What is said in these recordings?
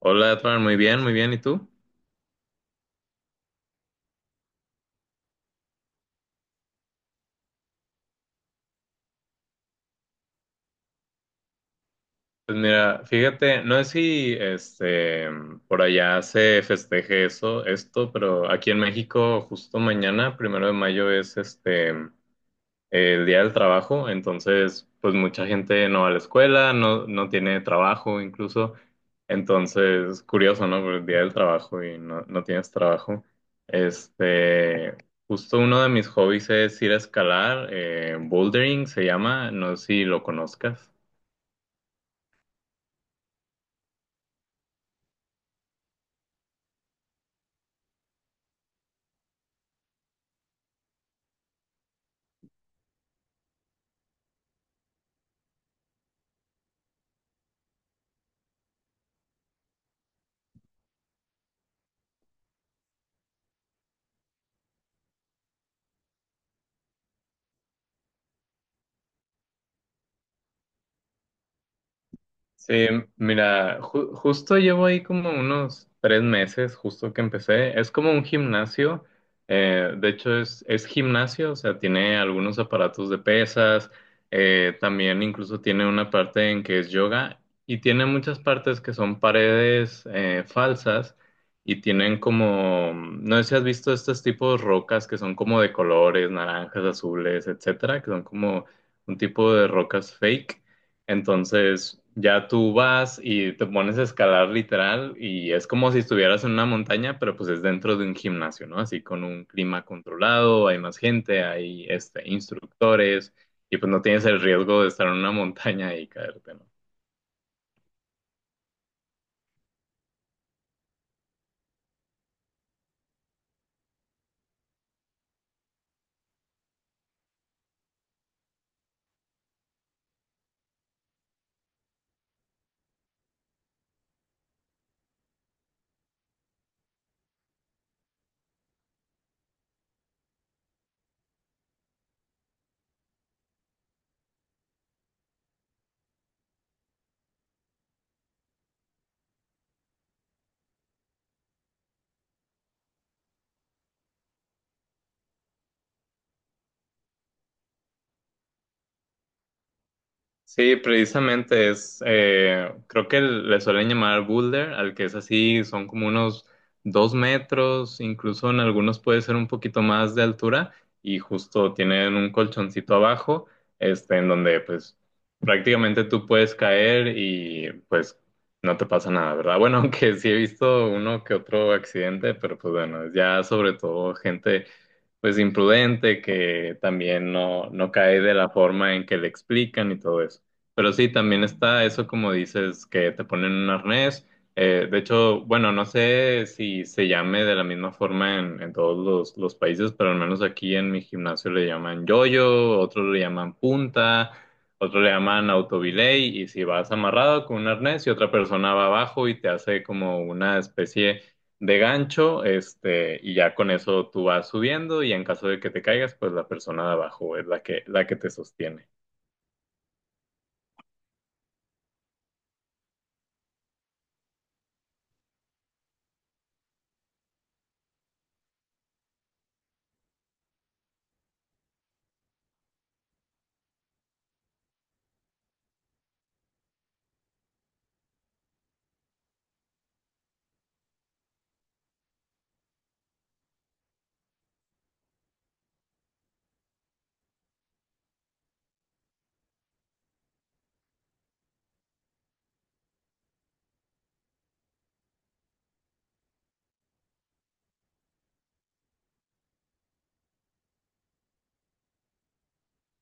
Hola, Edwin, muy bien, muy bien. ¿Y tú? Pues mira, fíjate, no sé si por allá se festeje eso, esto, pero aquí en México, justo mañana, 1 de mayo, es el día del trabajo, entonces pues mucha gente no va a la escuela, no, no tiene trabajo incluso, entonces curioso, ¿no? Por el día del trabajo y no, no tienes trabajo. Este, justo uno de mis hobbies es ir a escalar, bouldering se llama, no sé si lo conozcas. Sí, mira, justo llevo ahí como unos 3 meses, justo que empecé. Es como un gimnasio, de hecho es gimnasio, o sea, tiene algunos aparatos de pesas, también incluso tiene una parte en que es yoga y tiene muchas partes que son paredes falsas y tienen como, no sé si has visto estos tipos de rocas que son como de colores, naranjas, azules, etcétera, que son como un tipo de rocas fake. Entonces ya tú vas y te pones a escalar literal y es como si estuvieras en una montaña, pero pues es dentro de un gimnasio, ¿no? Así con un clima controlado, hay más gente, hay instructores y pues no tienes el riesgo de estar en una montaña y caerte, ¿no? Sí, precisamente es, creo que le suelen llamar boulder, al que es así, son como unos 2 metros, incluso en algunos puede ser un poquito más de altura y justo tienen un colchoncito abajo, en donde pues prácticamente tú puedes caer y pues no te pasa nada, ¿verdad? Bueno, aunque sí he visto uno que otro accidente, pero pues bueno, ya sobre todo gente pues imprudente, que también no, no cae de la forma en que le explican y todo eso. Pero sí, también está eso como dices, que te ponen un arnés. De hecho, bueno, no sé si se llame de la misma forma en todos los países, pero al menos aquí en mi gimnasio le llaman yoyo, otros le llaman punta, otros le llaman autobilay, y si vas amarrado con un arnés y otra persona va abajo y te hace como una especie de gancho, y ya con eso tú vas subiendo y en caso de que te caigas, pues la persona de abajo es la que te sostiene.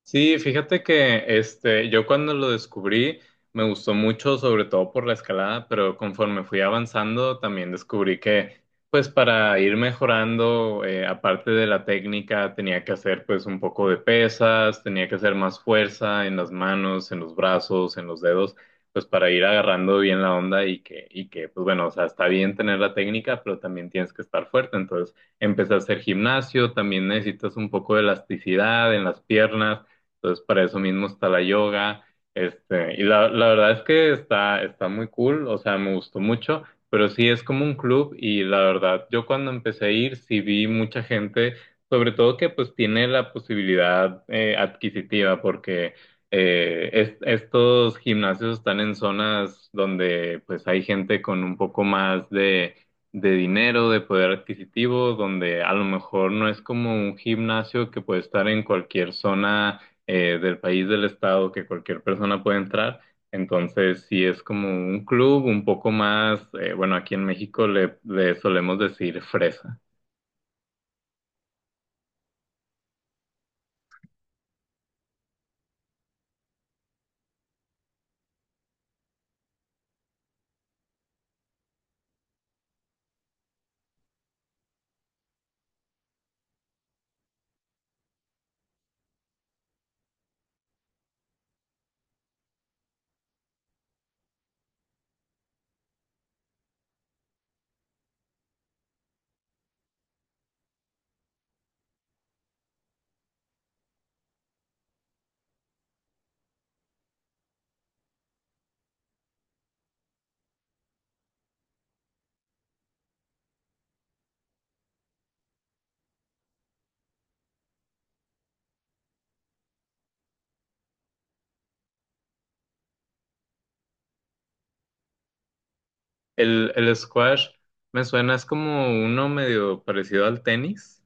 Sí, fíjate que yo cuando lo descubrí me gustó mucho, sobre todo por la escalada, pero conforme fui avanzando también descubrí que pues para ir mejorando, aparte de la técnica, tenía que hacer pues un poco de pesas, tenía que hacer más fuerza en las manos, en los brazos, en los dedos, pues para ir agarrando bien la onda y y que pues bueno, o sea, está bien tener la técnica, pero también tienes que estar fuerte. Entonces empecé a hacer gimnasio, también necesitas un poco de elasticidad en las piernas. Entonces, para eso mismo está la yoga. Y la verdad es que está muy cool, o sea, me gustó mucho, pero sí es como un club y la verdad, yo cuando empecé a ir, sí vi mucha gente, sobre todo que pues tiene la posibilidad adquisitiva, porque estos gimnasios están en zonas donde pues hay gente con un poco más de dinero, de poder adquisitivo, donde a lo mejor no es como un gimnasio que puede estar en cualquier zona del país, del estado, que cualquier persona puede entrar. Entonces, sí es como un club un poco más, bueno, aquí en México le solemos decir fresa. El squash me suena, es como uno medio parecido al tenis.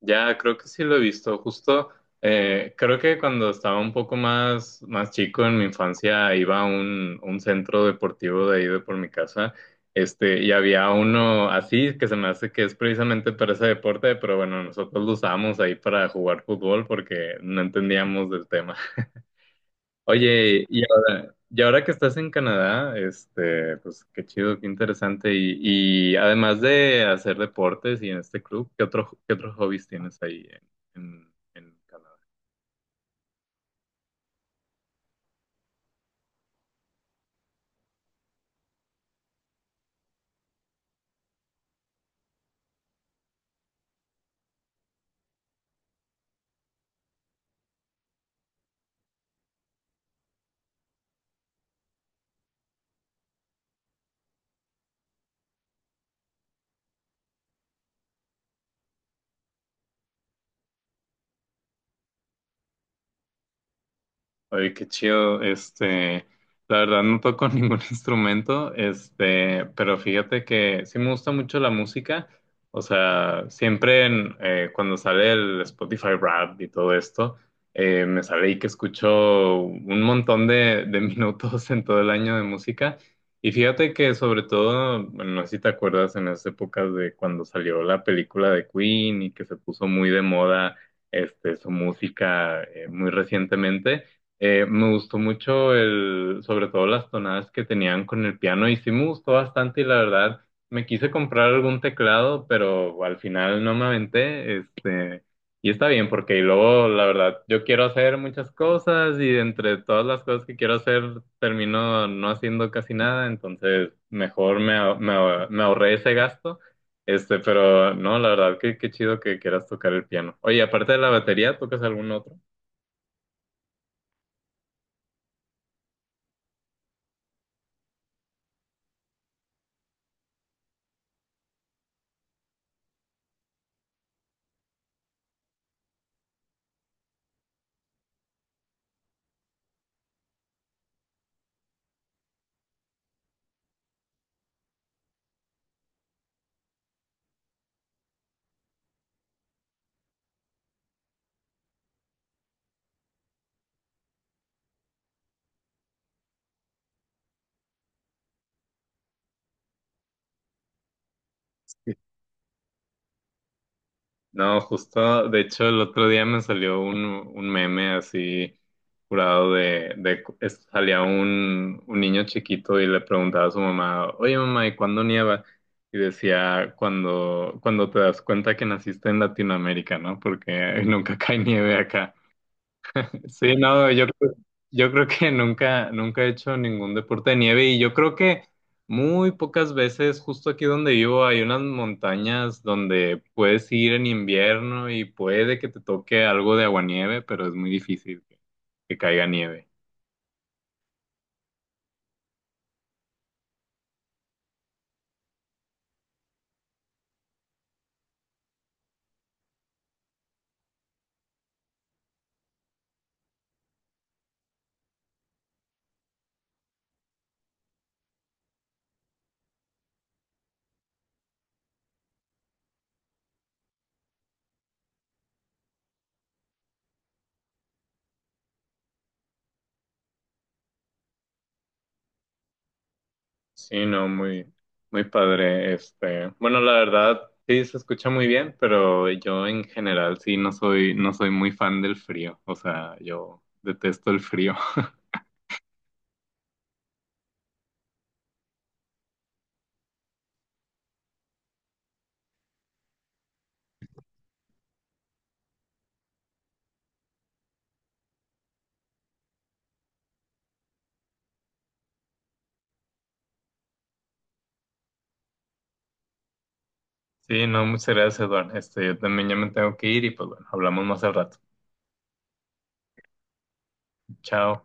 Ya, creo que sí lo he visto. Justo, creo que cuando estaba un poco más chico en mi infancia, iba a un centro deportivo de ahí de por mi casa, y había uno así que se me hace que es precisamente para ese deporte, pero bueno, nosotros lo usábamos ahí para jugar fútbol porque no entendíamos del tema. Oye, y ahora que estás en Canadá, pues qué chido, qué interesante. Y además de hacer deportes y en este club, ¿qué otro, qué otros hobbies tienes ahí en Canadá? Oye, qué chido. La verdad no toco ningún instrumento, pero fíjate que sí me gusta mucho la música. O sea, siempre en, cuando sale el Spotify Rap y todo esto, me sale ahí que escucho un montón de minutos en todo el año de música. Y fíjate que sobre todo, bueno, no sé si te acuerdas en las épocas de cuando salió la película de Queen y que se puso muy de moda, su música, muy recientemente. Me gustó mucho sobre todo las tonadas que tenían con el piano y sí me gustó bastante y la verdad me quise comprar algún teclado, pero al final no me aventé, y está bien porque y luego la verdad yo quiero hacer muchas cosas y entre todas las cosas que quiero hacer termino no haciendo casi nada, entonces mejor me ahorré ese gasto, pero no, la verdad que qué chido que quieras tocar el piano. Oye, aparte de la batería, ¿tocas algún otro? No, justo, de hecho, el otro día me salió un meme así curado salía un niño chiquito y le preguntaba a su mamá, oye mamá, ¿y cuándo nieva? Y decía, cuando te das cuenta que naciste en Latinoamérica, ¿no? Porque nunca cae nieve. Sí, no, yo creo que nunca he hecho ningún deporte de nieve y yo creo que muy pocas veces, justo aquí donde vivo, hay unas montañas donde puedes ir en invierno y puede que te toque algo de aguanieve, pero es muy difícil que caiga nieve. Sí, no, muy, muy padre. Bueno, la verdad, sí, se escucha muy bien, pero yo en general sí no soy muy fan del frío. O sea, yo detesto el frío. Sí, no, muchas gracias, Eduardo. Yo también ya me tengo que ir y pues bueno, hablamos más al rato. Chao.